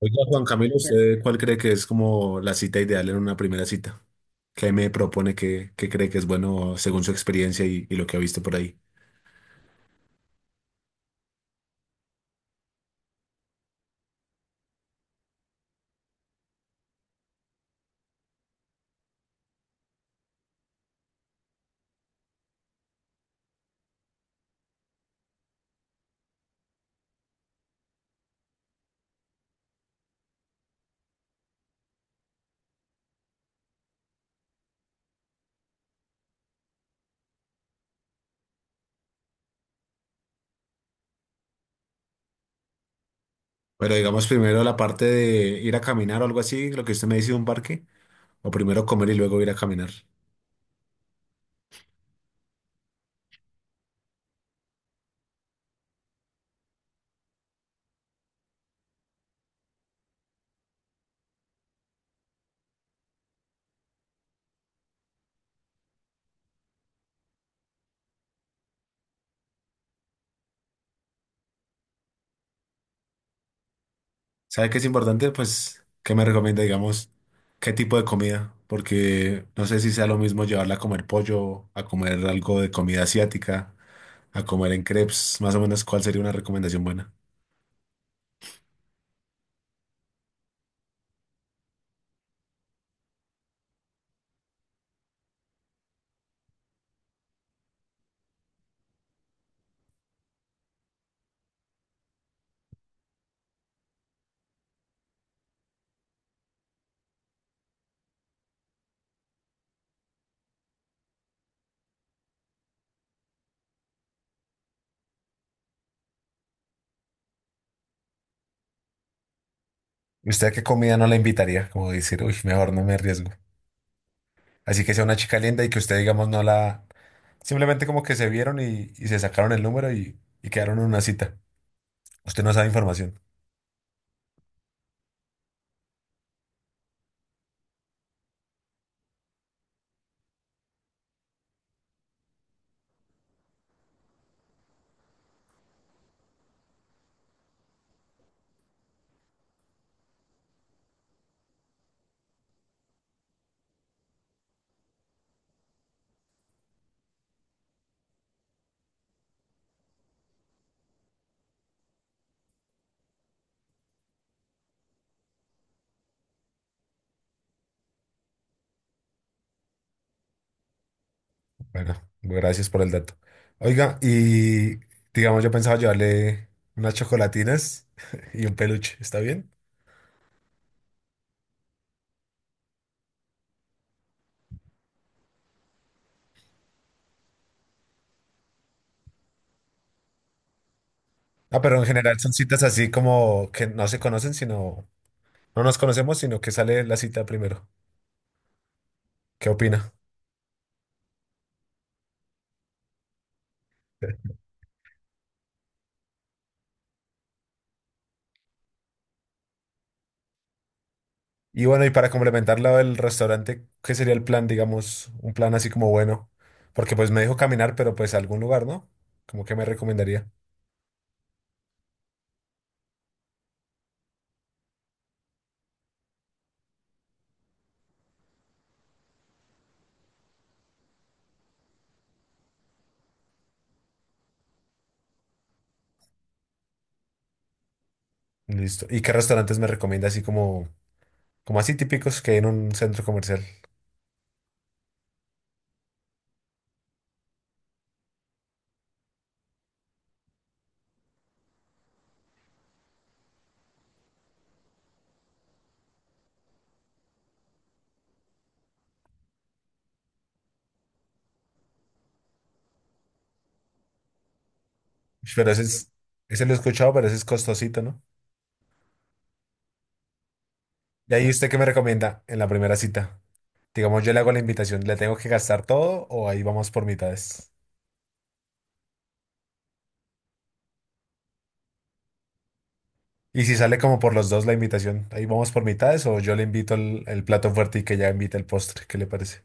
Oiga, Juan Camilo, ¿usted cuál cree que es como la cita ideal en una primera cita? ¿Qué me propone que cree que es bueno según su experiencia y lo que ha visto por ahí? Pero digamos primero la parte de ir a caminar o algo así, lo que usted me dice de un parque, o primero comer y luego ir a caminar. ¿Sabe qué es importante? Pues, ¿qué me recomienda, digamos, qué tipo de comida? Porque no sé si sea lo mismo llevarla a comer pollo, a comer algo de comida asiática, a comer en crepes, más o menos, ¿cuál sería una recomendación buena? ¿Y usted a qué comida no la invitaría? Como decir, uy, mejor no me arriesgo. Así que sea una chica linda y que usted, digamos, no la... Simplemente como que se vieron y se sacaron el número y quedaron en una cita. Usted no sabe información. Bueno, gracias por el dato. Oiga, y digamos, yo pensaba llevarle unas chocolatinas y un peluche, ¿está bien? Ah, pero en general son citas así como que no se conocen, sino... No nos conocemos, sino que sale la cita primero. ¿Qué opina? Y bueno, y para complementarlo del restaurante, ¿qué sería el plan, digamos, un plan así como bueno? Porque pues me dijo caminar, pero pues a algún lugar, ¿no? Como que me recomendaría. Listo. ¿Y qué restaurantes me recomienda así como, como así típicos que hay en un centro comercial? Ush, pero ese es, ese lo he escuchado, pero ese es costosito, ¿no? Y ahí usted qué me recomienda en la primera cita. Digamos, yo le hago la invitación, ¿le tengo que gastar todo o ahí vamos por mitades? Y si sale como por los dos la invitación, ahí vamos por mitades o yo le invito el plato fuerte y que ya invita el postre, ¿qué le parece?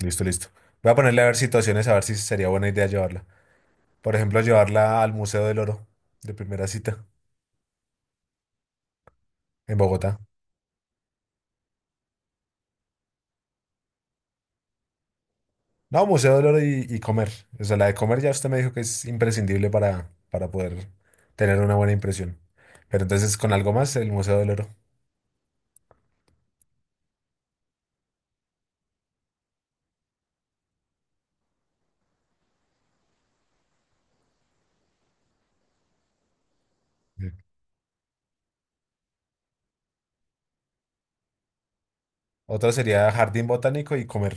Listo, listo. Voy a ponerle a ver situaciones, a ver si sería buena idea llevarla. Por ejemplo, llevarla al Museo del Oro de primera cita en Bogotá. No, Museo del Oro y comer. O sea, la de comer ya usted me dijo que es imprescindible para poder tener una buena impresión. Pero entonces con algo más, el Museo del Oro. Mm. Otra sería jardín botánico y comer.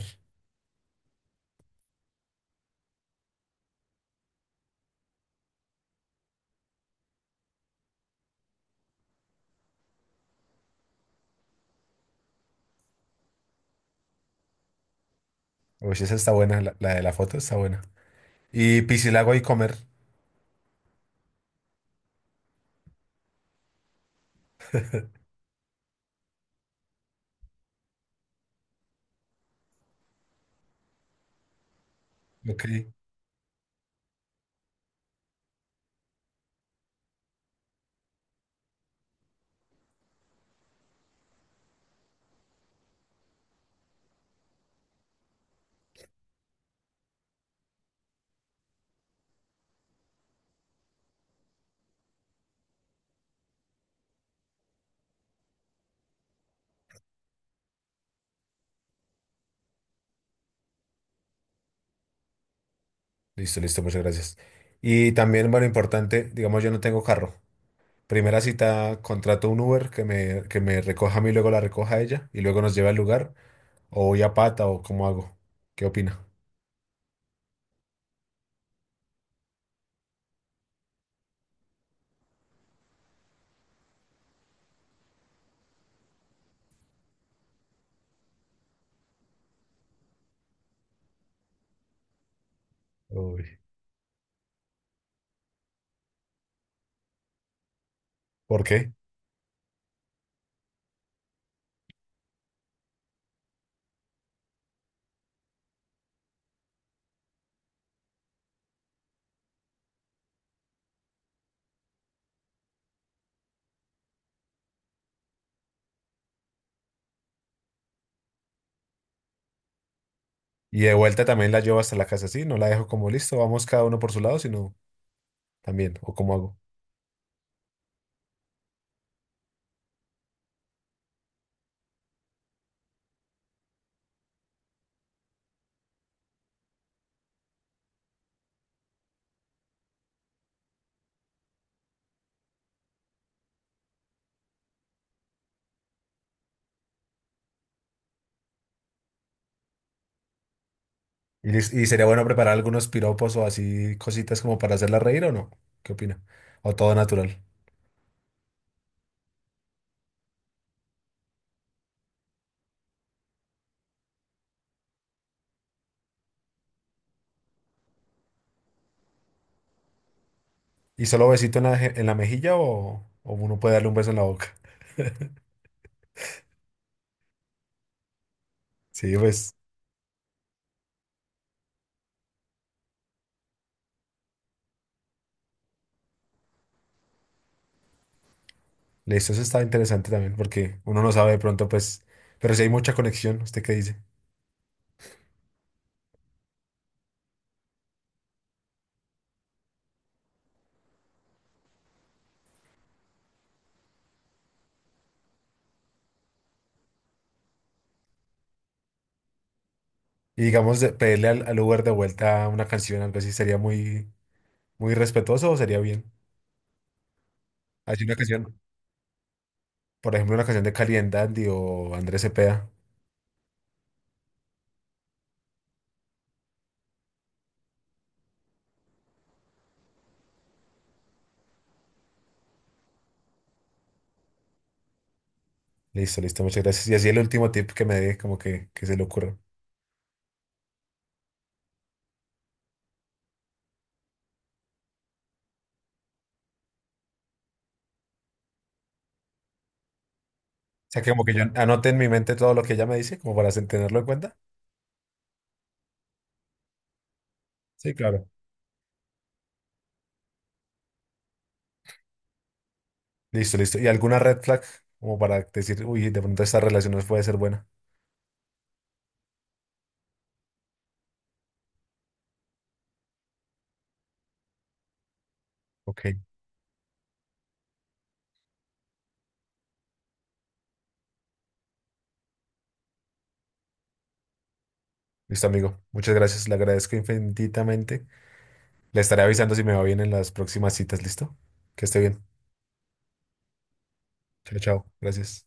Uy, esa está buena, la de la foto está buena. Y piscilago y comer. Ok. Listo, listo, muchas gracias. Y también, bueno, importante, digamos, yo no tengo carro. Primera cita, contrato un Uber que me recoja a mí, luego la recoja a ella y luego nos lleve al lugar. O voy a pata o cómo hago. ¿Qué opina? Uy. ¿Por qué? Y de vuelta también la llevo hasta la casa, ¿sí? No la dejo como listo, vamos cada uno por su lado, sino también, o cómo hago. Y, y sería bueno preparar algunos piropos o así cositas como para hacerla reír o no. ¿Qué opina? O todo natural. ¿Y solo besito en la, en la mejilla o uno puede darle un beso en la boca? Sí, pues. Listo, eso está interesante también porque uno no sabe de pronto, pues, pero si hay mucha conexión, ¿usted qué dice? Y digamos, pedirle al Uber de vuelta una canción, algo así, ¿sería muy, muy respetuoso o sería bien? Así una canción, por ejemplo, una canción de Cali and Dandy o Andrés Cepeda. Listo, listo, muchas gracias. Y así el último tip que me dé, como que se le ocurra. O sea, que como que yo anote en mi mente todo lo que ella me dice, como para tenerlo en cuenta. Sí, claro. Listo, listo. ¿Y alguna red flag? Como para decir, uy, de pronto esta relación no puede ser buena. Ok. Listo, amigo. Muchas gracias. Le agradezco infinitamente. Le estaré avisando si me va bien en las próximas citas. ¿Listo? Que esté bien. Chao, chao. Gracias.